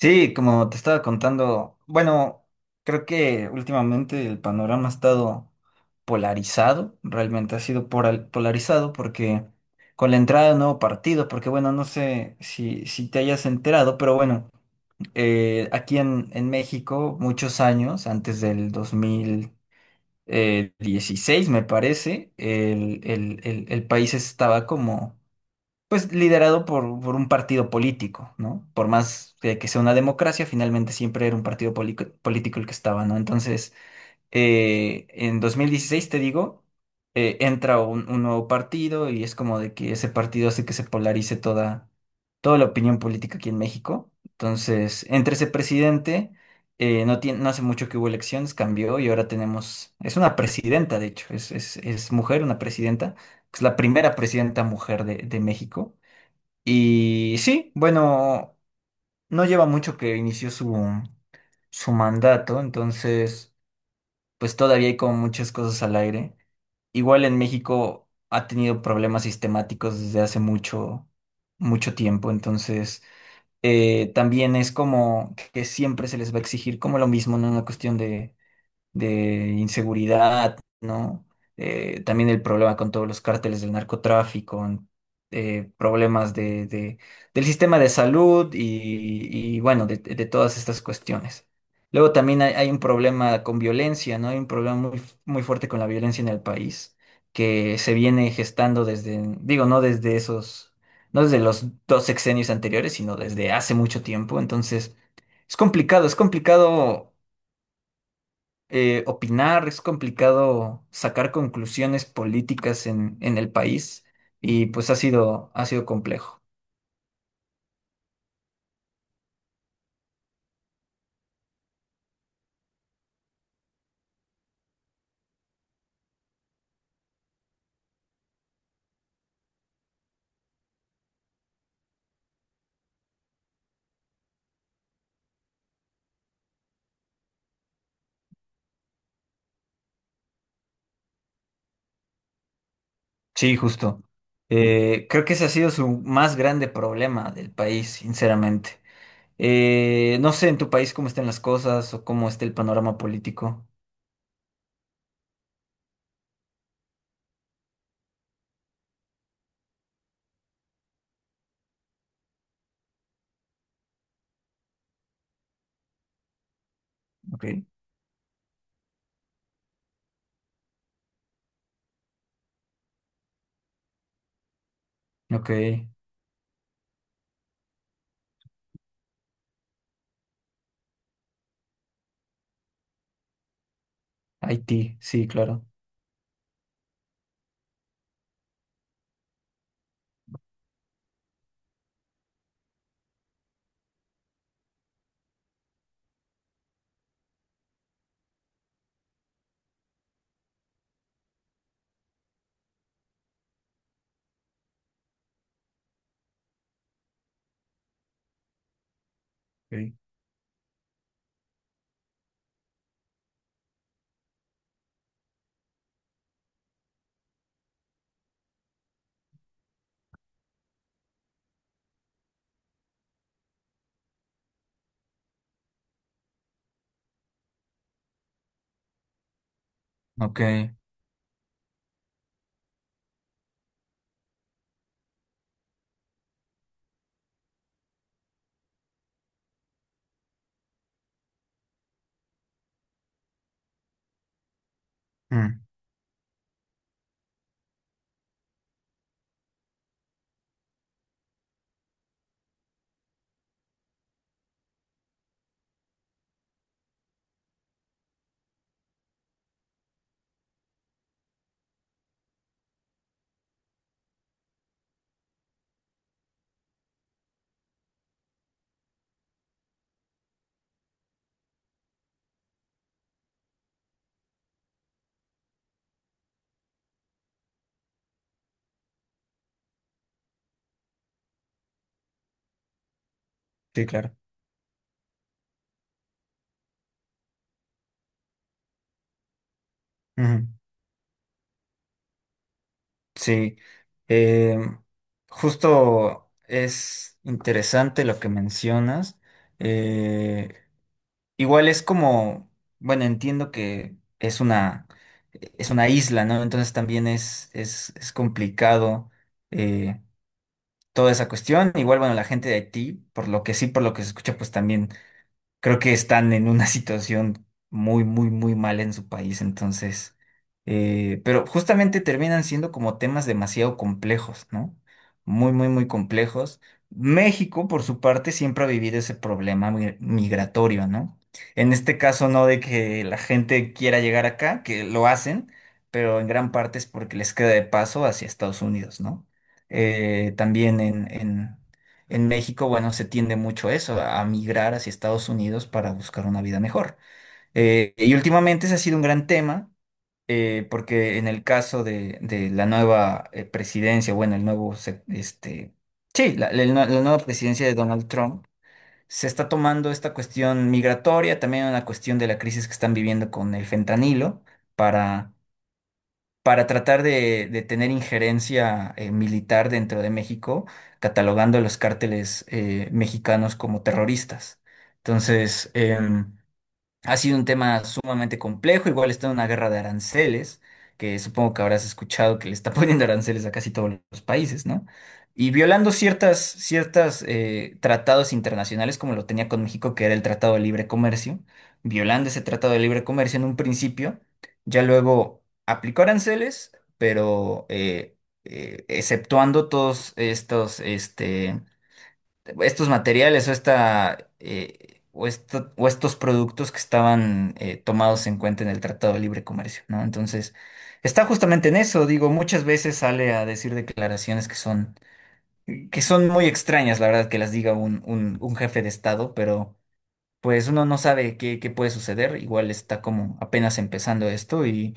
Sí, como te estaba contando, bueno, creo que últimamente el panorama ha estado polarizado, realmente ha sido polarizado porque con la entrada de un nuevo partido, porque bueno, no sé si te hayas enterado, pero bueno, aquí en México, muchos años, antes del dos mil dieciséis, me parece, el país estaba como pues liderado por un partido político, ¿no? Por más que sea una democracia, finalmente siempre era un partido político el que estaba, ¿no? Entonces, en 2016 te digo, entra un nuevo partido y es como de que ese partido hace que se polarice toda la opinión política aquí en México. Entonces, entre ese presidente, no tiene, no hace mucho que hubo elecciones, cambió y ahora tenemos, es una presidenta, de hecho, es mujer, una presidenta, es la primera presidenta mujer de México. Y sí, bueno, no lleva mucho que inició su, su mandato, entonces pues todavía hay como muchas cosas al aire. Igual en México ha tenido problemas sistemáticos desde hace mucho, mucho tiempo, entonces también es como que siempre se les va a exigir como lo mismo, no una cuestión de inseguridad, ¿no? También el problema con todos los cárteles del narcotráfico, problemas del sistema de salud bueno, de todas estas cuestiones. Luego también hay un problema con violencia, ¿no? Hay un problema muy, muy fuerte con la violencia en el país, que se viene gestando desde, digo, no desde esos, no desde los dos sexenios anteriores, sino desde hace mucho tiempo. Entonces, es complicado opinar, es complicado sacar conclusiones políticas en el país y pues ha sido complejo. Sí, justo. Creo que ese ha sido su más grande problema del país, sinceramente. No sé en tu país cómo están las cosas o cómo está el panorama político. Ok. Ok. Haití, sí, claro. Ok. Ok. Mm, sí, claro. Ujú. Sí, eh, justo es interesante lo que mencionas. Eh, igual es como, bueno, entiendo que es una isla, ¿no? Entonces también es complicado eh, toda esa cuestión. Igual, bueno, la gente de Haití, por lo que sí, por lo que se escucha, pues también creo que están en una situación muy, muy, muy mal en su país, entonces, pero justamente terminan siendo como temas demasiado complejos, ¿no? Muy, muy, muy complejos. México, por su parte, siempre ha vivido ese problema migratorio, ¿no? En este caso, no de que la gente quiera llegar acá, que lo hacen, pero en gran parte es porque les queda de paso hacia Estados Unidos, ¿no? También en México, bueno, se tiende mucho eso, a migrar hacia Estados Unidos para buscar una vida mejor. Y últimamente ese ha sido un gran tema, porque en el caso de la nueva presidencia, bueno, el nuevo, se- este, sí, la nueva presidencia de Donald Trump, se está tomando esta cuestión migratoria, también una cuestión de la crisis que están viviendo con el fentanilo, para para tratar de tener injerencia militar dentro de México, catalogando a los cárteles mexicanos como terroristas. Entonces, ha sido un tema sumamente complejo, igual está en una guerra de aranceles, que supongo que habrás escuchado que le está poniendo aranceles a casi todos los países, ¿no? Y violando ciertas tratados internacionales, como lo tenía con México, que era el Tratado de Libre Comercio, violando ese Tratado de Libre Comercio en un principio, ya luego aplicó aranceles, pero exceptuando todos estos, este estos materiales o esta o estos productos que estaban tomados en cuenta en el Tratado de Libre Comercio, ¿no? Entonces, está justamente en eso, digo, muchas veces sale a decir declaraciones que son muy extrañas, la verdad, que las diga un jefe de Estado, pero pues uno no sabe qué, qué puede suceder, igual está como apenas empezando esto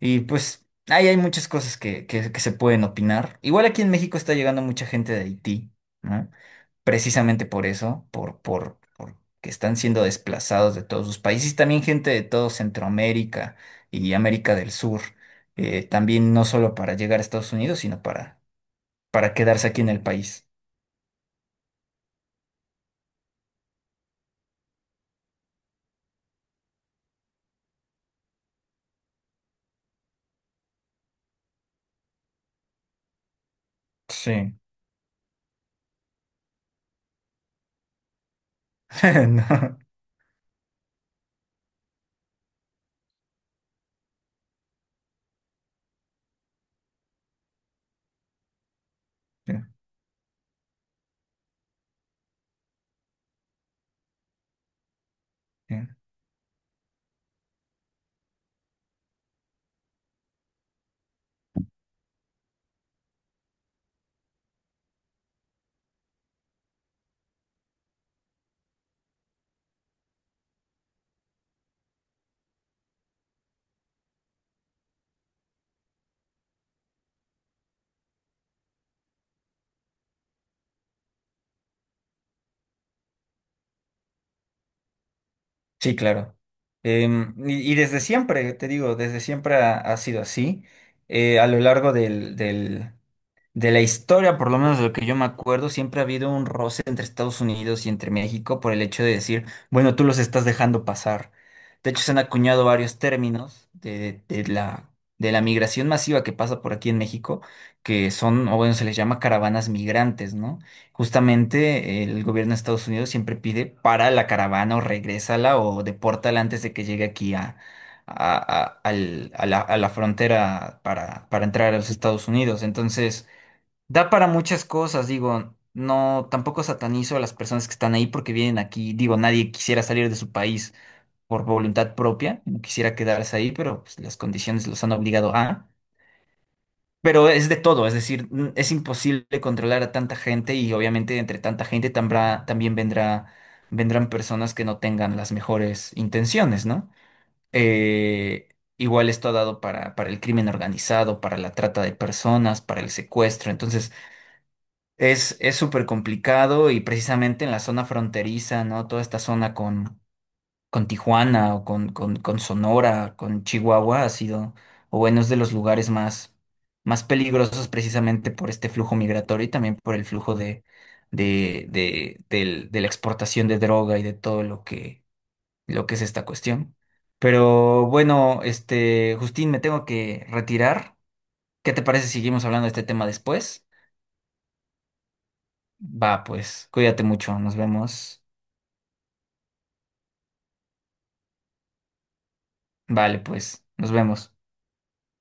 y pues ahí hay muchas cosas que se pueden opinar. Igual aquí en México está llegando mucha gente de Haití, ¿no? Precisamente por eso, por que están siendo desplazados de todos sus países, y también gente de todo Centroamérica y América del Sur, también no solo para llegar a Estados Unidos, sino para quedarse aquí en el país. Sí. No. Sí, sí. Sí, claro. Em, y desde siempre, te digo, desde siempre ha sido así. A lo largo de la historia, por lo menos de lo que yo me acuerdo, siempre ha habido un roce entre Estados Unidos y entre México por el hecho de decir, bueno, tú los estás dejando pasar. De hecho, se han acuñado varios términos de la migración masiva que pasa por aquí en México, que son, o bueno, se les llama caravanas migrantes, ¿no? Justamente el gobierno de Estados Unidos siempre pide para la caravana o regrésala o depórtala antes de que llegue aquí a la frontera para entrar a los Estados Unidos. Entonces, da para muchas cosas, digo, no, tampoco satanizo a las personas que están ahí porque vienen aquí, digo, nadie quisiera salir de su país por voluntad propia, no quisiera quedarse ahí, pero pues, las condiciones los han obligado a. Pero es de todo, es decir, es imposible controlar a tanta gente y obviamente entre tanta gente también vendrá, vendrán personas que no tengan las mejores intenciones, ¿no? Eh, igual esto ha dado para el crimen organizado, para la trata de personas, para el secuestro, entonces, es súper complicado y precisamente en la zona fronteriza, ¿no? Toda esta zona con Tijuana o con Sonora, con Chihuahua ha sido, o bueno, es de los lugares más, más peligrosos precisamente por este flujo migratorio y también por el flujo de la exportación de droga y de todo lo que es esta cuestión. Pero bueno, este, Justín, me tengo que retirar. ¿Qué te parece si seguimos hablando de este tema después? Va, pues, cuídate mucho, nos vemos. Vale, pues, nos vemos.